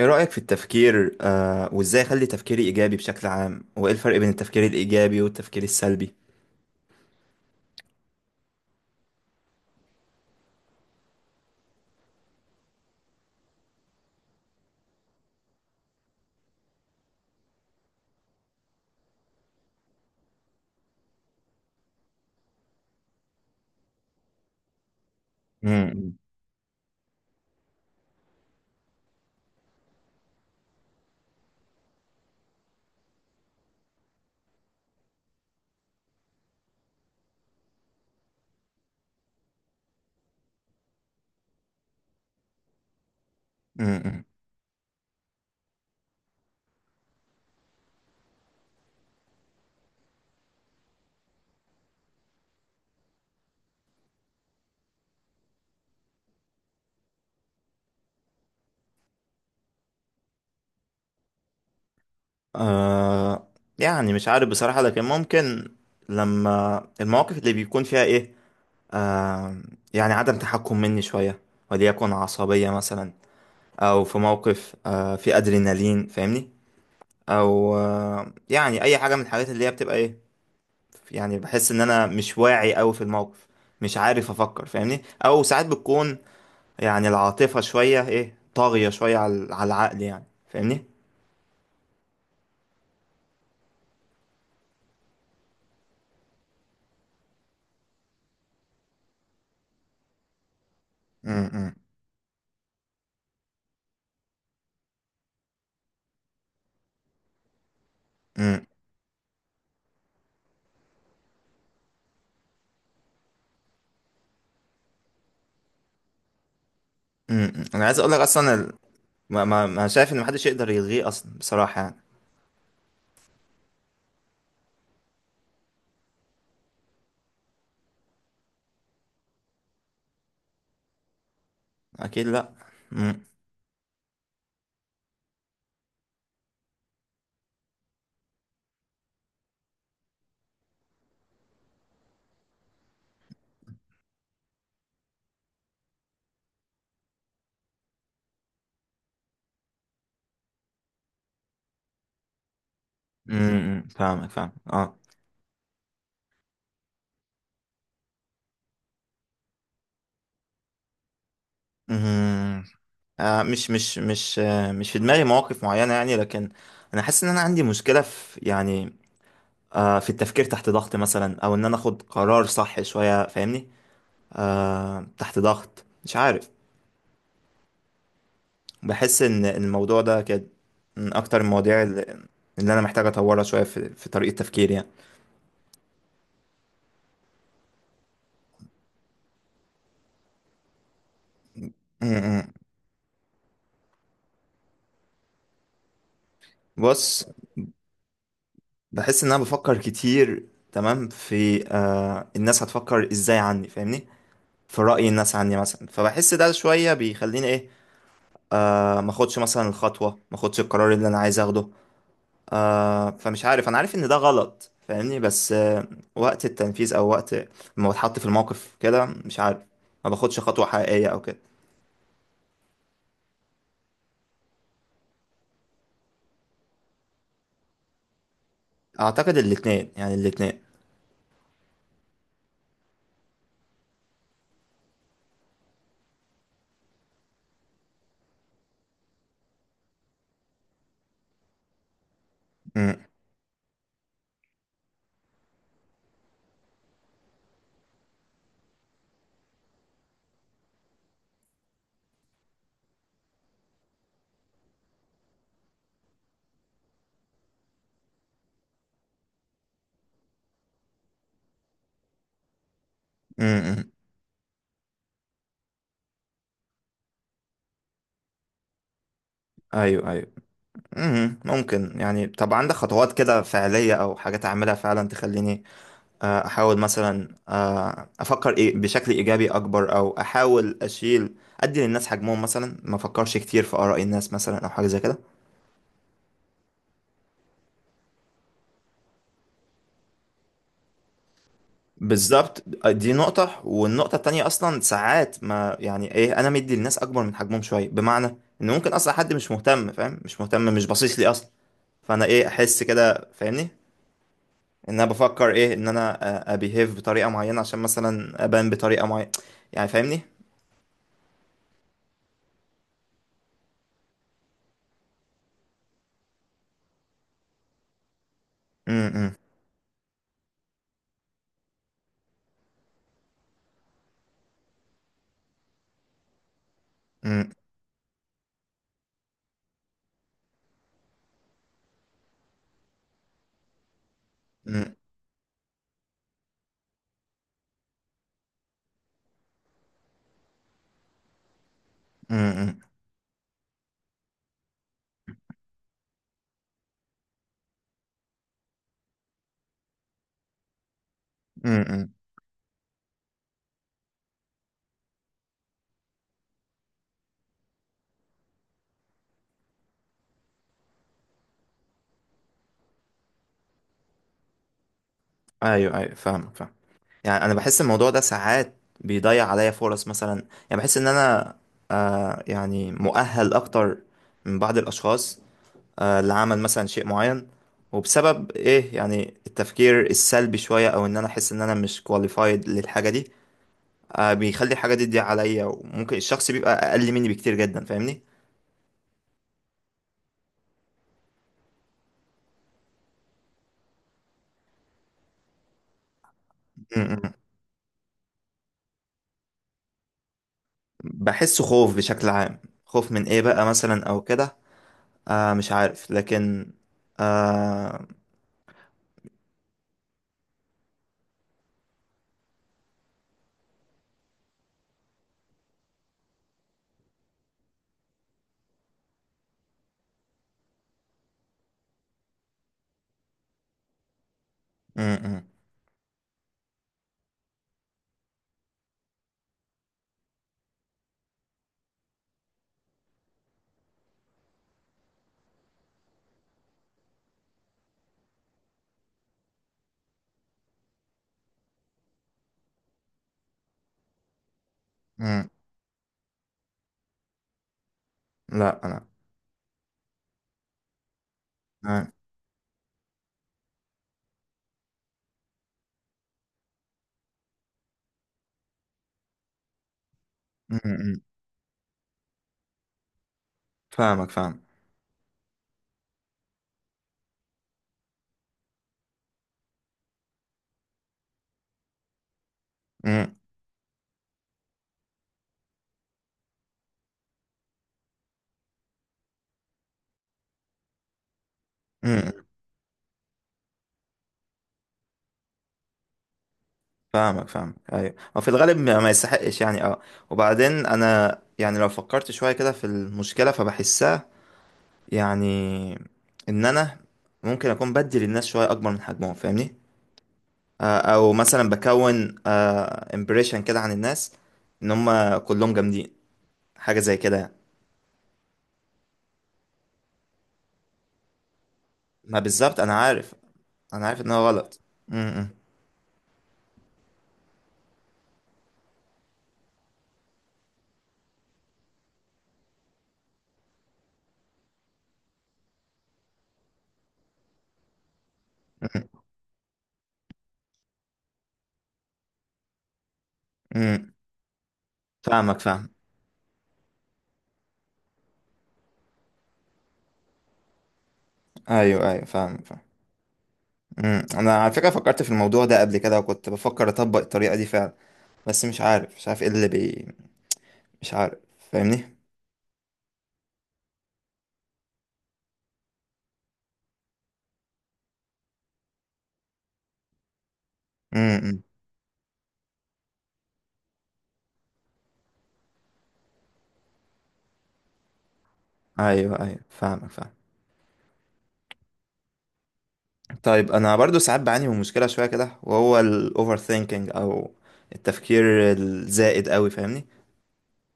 ايه رأيك في التفكير وازاي اخلي تفكيري ايجابي بشكل عام وايه الفرق بين التفكير الايجابي والتفكير السلبي؟ امم. امم. آه يعني مش عارف بصراحة، لكن ممكن لما المواقف اللي بيكون فيها ايه آه يعني عدم تحكم مني شوية، وليكن عصبية مثلا، او في موقف في ادرينالين، فاهمني؟ او يعني اي حاجة من الحاجات اللي هي بتبقى يعني. بحس ان انا مش واعي اوي في الموقف، مش عارف افكر، فاهمني؟ او ساعات بتكون يعني العاطفة شوية طاغية شوية على العقل يعني، فاهمني؟ امم. امم. امم. انا عايز اقول لك اصلا ما شايف ان محدش يقدر يلغيه اصلا بصراحة يعني. اكيد لا. امم. امم. إمم، إمم. فاهمك، فاهم. اه. امم. مش في دماغي مواقف معينة يعني، لكن انا حاسس ان انا عندي مشكلة في يعني في التفكير تحت ضغط مثلا، او ان انا اخد قرار صح شوية، فاهمني؟ تحت ضغط، مش عارف. بحس ان الموضوع ده كان من اكتر المواضيع اللي انا محتاج اطورها شويه في طريقه تفكيري يعني. م- م. بص، بحس ان انا بفكر كتير تمام في الناس هتفكر ازاي عني، فاهمني؟ في رأي الناس عني مثلا. فبحس ده شويه بيخليني ايه آه ما اخدش مثلا الخطوه، ما اخدش القرار اللي انا عايز اخده. فمش عارف، انا عارف ان ده غلط، فاهمني؟ بس وقت التنفيذ، او وقت ما بتحط في الموقف كده، مش عارف، ما باخدش خطوه حقيقيه او كده. اعتقد الاثنين، يعني الاثنين. امم. امم. ايوه، ايوه. مم. ممكن يعني؟ طب عندك خطوات كده فعليه او حاجات اعملها فعلا تخليني احاول مثلا افكر بشكل ايجابي اكبر، او احاول ادي للناس حجمهم مثلا، ما افكرش كتير في اراء الناس مثلا، او حاجه زي كده؟ بالظبط، دي نقطة. والنقطة التانية أصلا ساعات ما يعني أنا مدي للناس أكبر من حجمهم شوية، بمعنى إن ممكن أصلا حد مش مهتم، فاهم؟ مش مهتم، مش باصص لي أصلا، فأنا أحس كده، فاهمني؟ ان انا بفكر ان انا ابيهيف بطريقه معينه، عشان مثلا ابان بطريقه معينه، يعني فاهمني؟ امم. امم. امم. امم. امم. ايوه، ايوه، فاهمك فاهم. يعني انا بحس الموضوع ده ساعات بيضيع عليا فرص مثلا. يعني بحس ان انا يعني مؤهل اكتر من بعض الاشخاص لعمل مثلا شيء معين، وبسبب يعني التفكير السلبي شويه، او ان انا احس ان انا مش كواليفايد للحاجه دي. بيخلي الحاجة دي تضيع عليا، وممكن الشخص بيبقى أقل مني بكتير جدا، فاهمني؟ م- م-. بحس خوف بشكل عام. خوف من إيه بقى مثلا أو كده؟ مش عارف، لكن آه م- م- م-. لا أنا آه، م- م-. فاهمك، فاهم. م- م-. فاهمك فاهم. أيوة، وفي الغالب ما يستحقش يعني، أه. وبعدين أنا يعني لو فكرت شوية كده في المشكلة فبحسها يعني، إن أنا ممكن أكون بدي للناس شوية أكبر من حجمهم، فاهمني؟ او مثلا بكون امبريشن كده عن الناس ان هم كلهم جامدين، حاجه زي كده يعني. ما بالظبط، انا عارف، انا عارف ان هو غلط. امم. امم. فاهمك، فاهم. ايوه، ايوه، فاهمك فاهم. امم. انا على فكره فكرت في الموضوع ده قبل كده، وكنت بفكر اطبق الطريقه دي فعلا، بس مش عارف، مش عارف ايه اللي مش عارف، فاهمني؟ امم. ايوه، ايوه، فاهمك فاهم. طيب، انا برضو ساعات بعاني من مشكله شويه كده، وهو الاوفر ثينكينج او التفكير الزائد قوي، فاهمني؟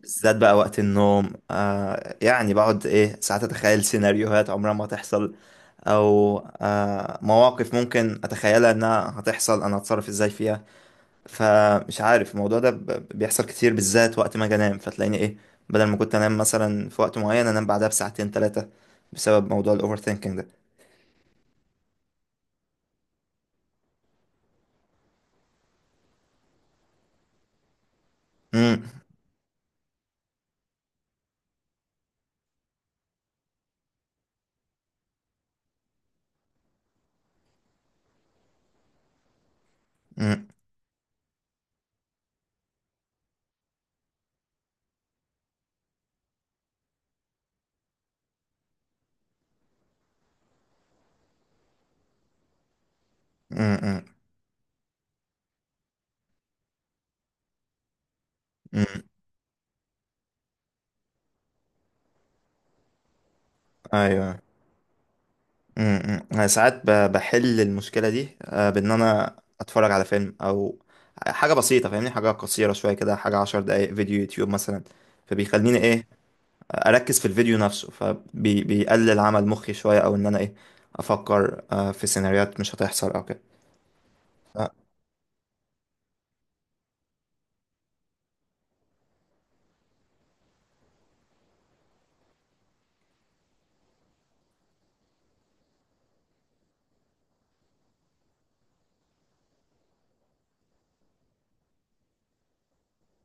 بالذات بقى وقت النوم يعني، بقعد ساعات اتخيل سيناريوهات عمرها ما هتحصل، او مواقف ممكن اتخيلها انها هتحصل، انا هتصرف ازاي فيها. فمش عارف، الموضوع ده بيحصل كتير، بالذات وقت ما اجي انام، فتلاقيني بدل ما كنت انام مثلا في وقت معين، انام بعدها بساعتين 3، بسبب موضوع الاوفر ثينكينج ده. امم. امم. امم. امم. ايوه. امم، انا ساعات بحل المشكله دي بان انا اتفرج على فيلم، او حاجه بسيطه، فاهمني؟ حاجه قصيره شويه كده، حاجه 10 دقائق فيديو يوتيوب مثلا. فبيخليني اركز في الفيديو نفسه، فبيقلل عمل مخي شويه، او ان انا افكر في سيناريوهات مش هتحصل او كده.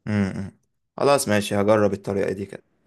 امم. خلاص، ماشي، هجرب الطريقه دي كده.